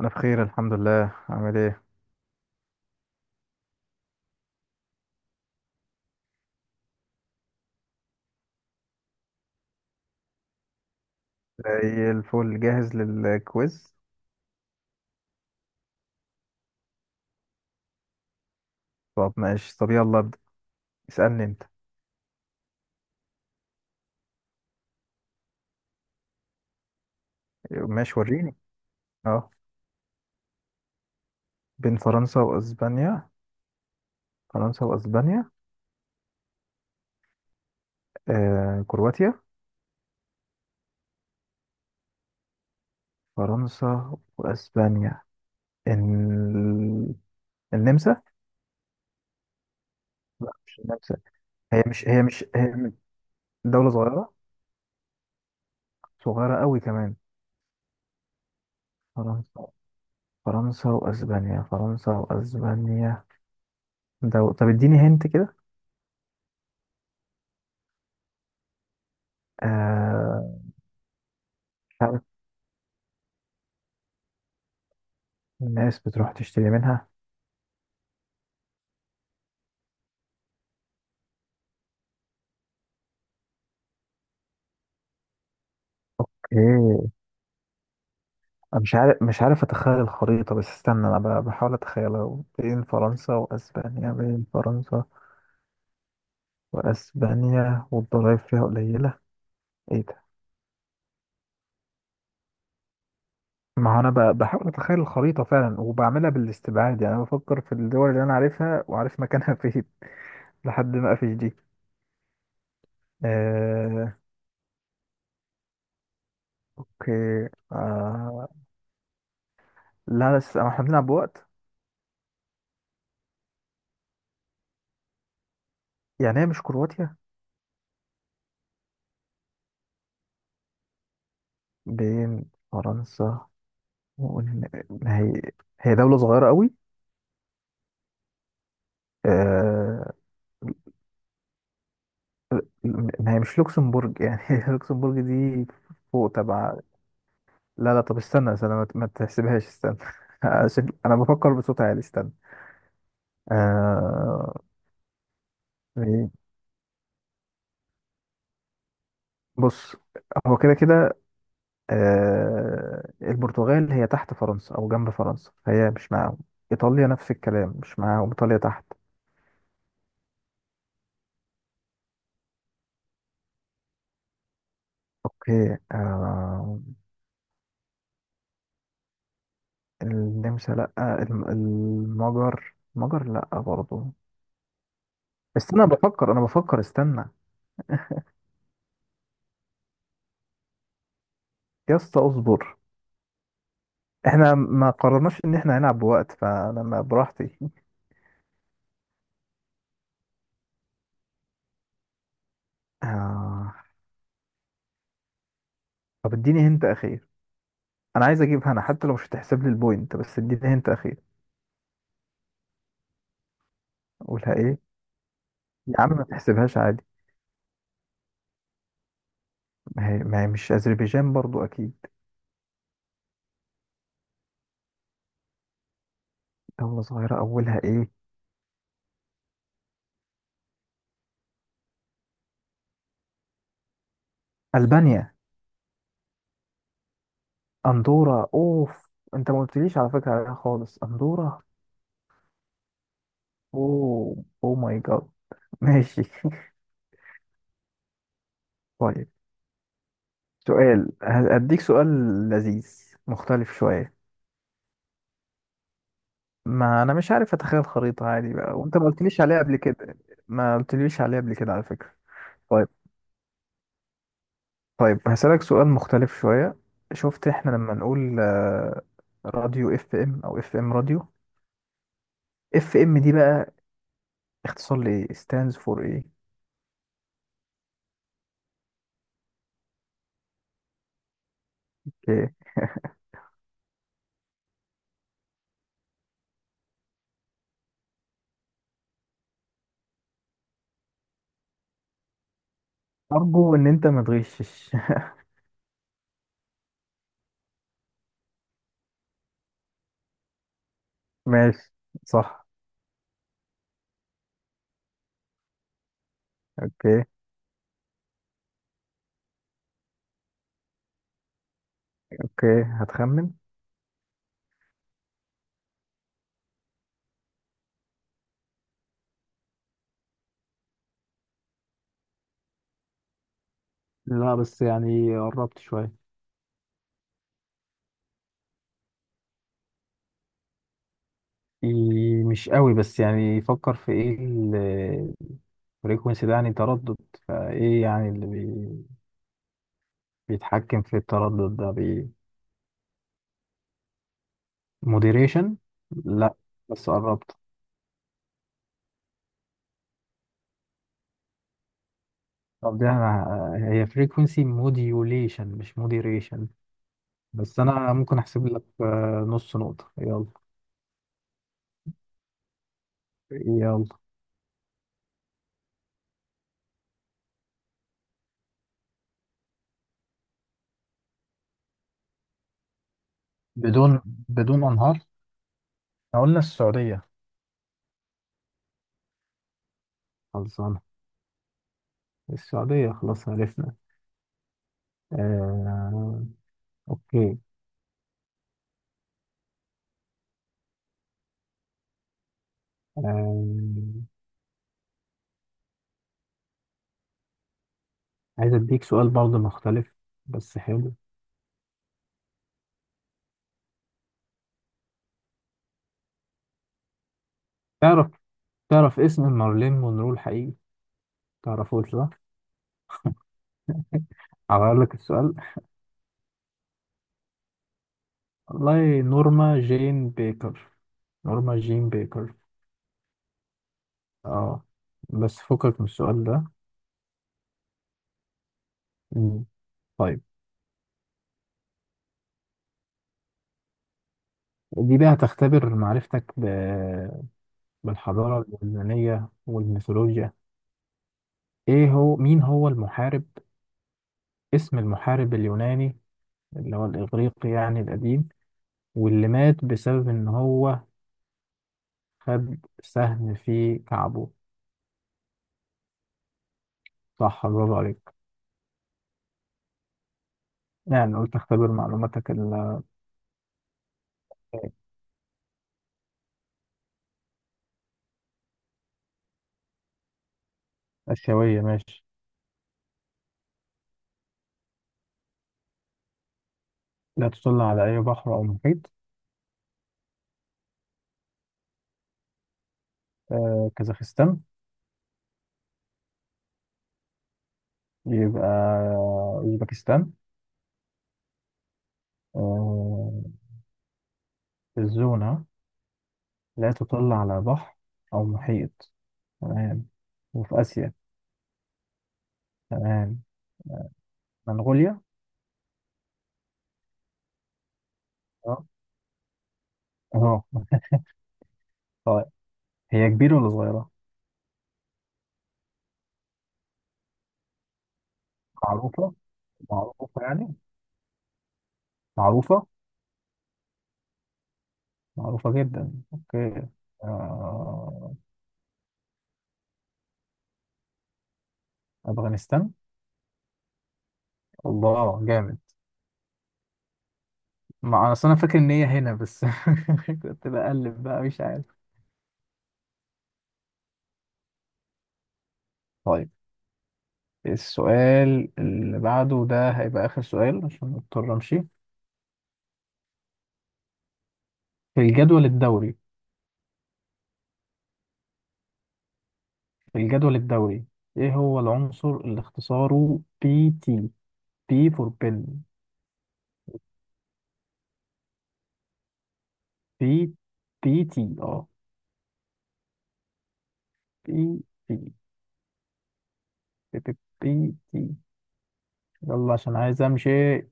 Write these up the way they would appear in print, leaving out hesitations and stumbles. انا بخير الحمد لله. عامل ايه؟ زي الفل، جاهز للكويز. طب ماشي، طب يلا ابدا. اسالني انت. ماشي وريني. اه. بين فرنسا واسبانيا؟ فرنسا واسبانيا. آه، كرواتيا. فرنسا واسبانيا ال... النمسا. لا مش النمسا. هي مش هي مش هي م- دولة صغيرة. صغيرة قوي كمان. فرنسا. فرنسا واسبانيا، فرنسا واسبانيا. دو... طب اديني هنت كده. آه. الناس بتروح تشتري منها. ايه؟ أنا مش عارف، مش عارف اتخيل الخريطة، بس استنى انا بحاول اتخيلها. بين فرنسا واسبانيا، بين فرنسا واسبانيا والضرايب فيها قليلة. ايه ده؟ ما هو انا بحاول اتخيل الخريطة فعلا، وبعملها بالاستبعاد يعني. انا بفكر في الدول اللي انا عارفها وعارف مكانها فين لحد ما اقفش دي. آه، اوكي. لا، بس احنا بنلعب بوقت. يعني هي مش كرواتيا. بين فرنسا ما هي هي دولة صغيرة قوي. آه، ما هي مش لوكسمبورج يعني، لوكسمبورج دي فوق تبع. لا لا، طب استنى استنى، ما تحسبهاش، استنى. عشان انا بفكر بصوت عالي، استنى. آه... إيه؟ بص، هو كده كده. آه... البرتغال هي تحت فرنسا او جنب فرنسا، فهي مش معاهم. ايطاليا نفس الكلام مش معاهم، ايطاليا تحت. اوكي، آه... النمسا لا. المجر، المجر لا برضه. استنى بفكر، انا بفكر، استنى. يا اسطى اصبر، احنا ما قررناش ان احنا هنلعب بوقت، فلما براحتي. آه. طب اديني هنت اخير. انا عايز اجيب هنا حتى لو مش هتحسب لي البوينت، بس اديني هنت اخير. قولها ايه. يا عم ما تحسبهاش عادي. ما هي مش اذربيجان برضو اكيد. دولة صغيرة اولها ايه. البانيا. اندورا، اوف، انت ما قلتليش على فكرة عليها خالص، اندورا. اوه اوه ماي جاد، ماشي. طيب، سؤال هديك، سؤال لذيذ مختلف شوية. ما انا مش عارف اتخيل خريطة عادي بقى، وانت ما قلتليش عليها قبل كده. ما قلتليش عليها قبل كده على فكرة. طيب. طيب هسألك سؤال مختلف شوية. شفت احنا لما نقول راديو اف ام او اف ام راديو؟ اف ام دي بقى اختصار لايه، stands for ايه؟ اوكي. ارجو ان انت ما تغشش. ماشي. صح. اوكي. اوكي هتخمن. لا بس يعني قربت شوية. إيه، مش قوي، بس يعني فكر في ايه. فريكونسي ده يعني تردد. فايه يعني اللي بي... بيتحكم في التردد ده بي... موديريشن؟ لا، بس قربت. طب دي انا هي فريكونسي موديوليشن مش موديريشن. بس انا ممكن احسب لك نص نقطة، يلا. يلا. بدون، بدون انهار. إحنا قلنا السعودية. خلصانة. السعودية خلاص عرفنا. آه... اوكي. آه... عايز اديك سؤال برضه مختلف، بس حلو. تعرف، تعرف اسم مارلين مونرو الحقيقي؟ تعرفوش ده؟ هغير لك السؤال. والله نورما جين بيكر. نورما جين بيكر. اه. بس فكك من السؤال ده. مم. طيب، دي بقى هتختبر معرفتك ب... بالحضارة اليونانية والميثولوجيا. ايه هو، مين هو المحارب، اسم المحارب اليوناني اللي هو الإغريقي يعني القديم، واللي مات بسبب ان هو خد سهم في كعبه. صح، برافو عليك. يعني قلت اختبر معلوماتك الآسيوية، ماشي. لا تطل على أي بحر أو محيط. آه، كازاخستان. يبقى أوزبكستان. آه، الزونة. لا تطل على بحر أو محيط، تمام، وفي آسيا، تمام. منغوليا. اه. اه. طيب، هي كبيرة ولا صغيرة؟ معروفة، معروفة يعني. معروفة. معروفة جدا، أوكي. آه، أفغانستان. الله جامد. ما اصل انا فاكر ان هي هنا بس. كنت بقلب بقى مش عارف. طيب، السؤال اللي بعده ده هيبقى اخر سؤال عشان مضطر امشي. في الجدول الدوري. في الجدول الدوري ايه هو العنصر اللي اختصاره بي تي؟ بي فور بن. بي، بي تي، اه. بي تي، بي تي، بي تي، يلا عشان عايز امشي.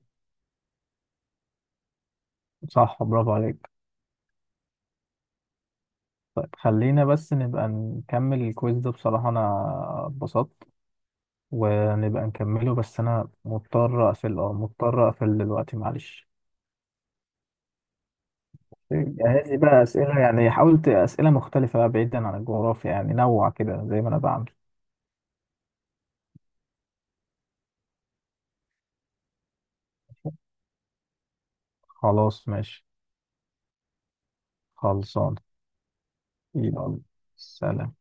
صح، برافو عليك. طيب خلينا بس نبقى نكمل الكويز ده، بصراحة انا اتبسطت. ونبقى نكمله، بس أنا مضطر أقفل، أه مضطر أقفل دلوقتي، معلش. جهز لي بقى أسئلة، يعني حاولت أسئلة مختلفة بقى، بعيدا عن الجغرافيا يعني، نوع كده زي ما أنا بعمل. خلاص ماشي، خلصان. يلا، سلام.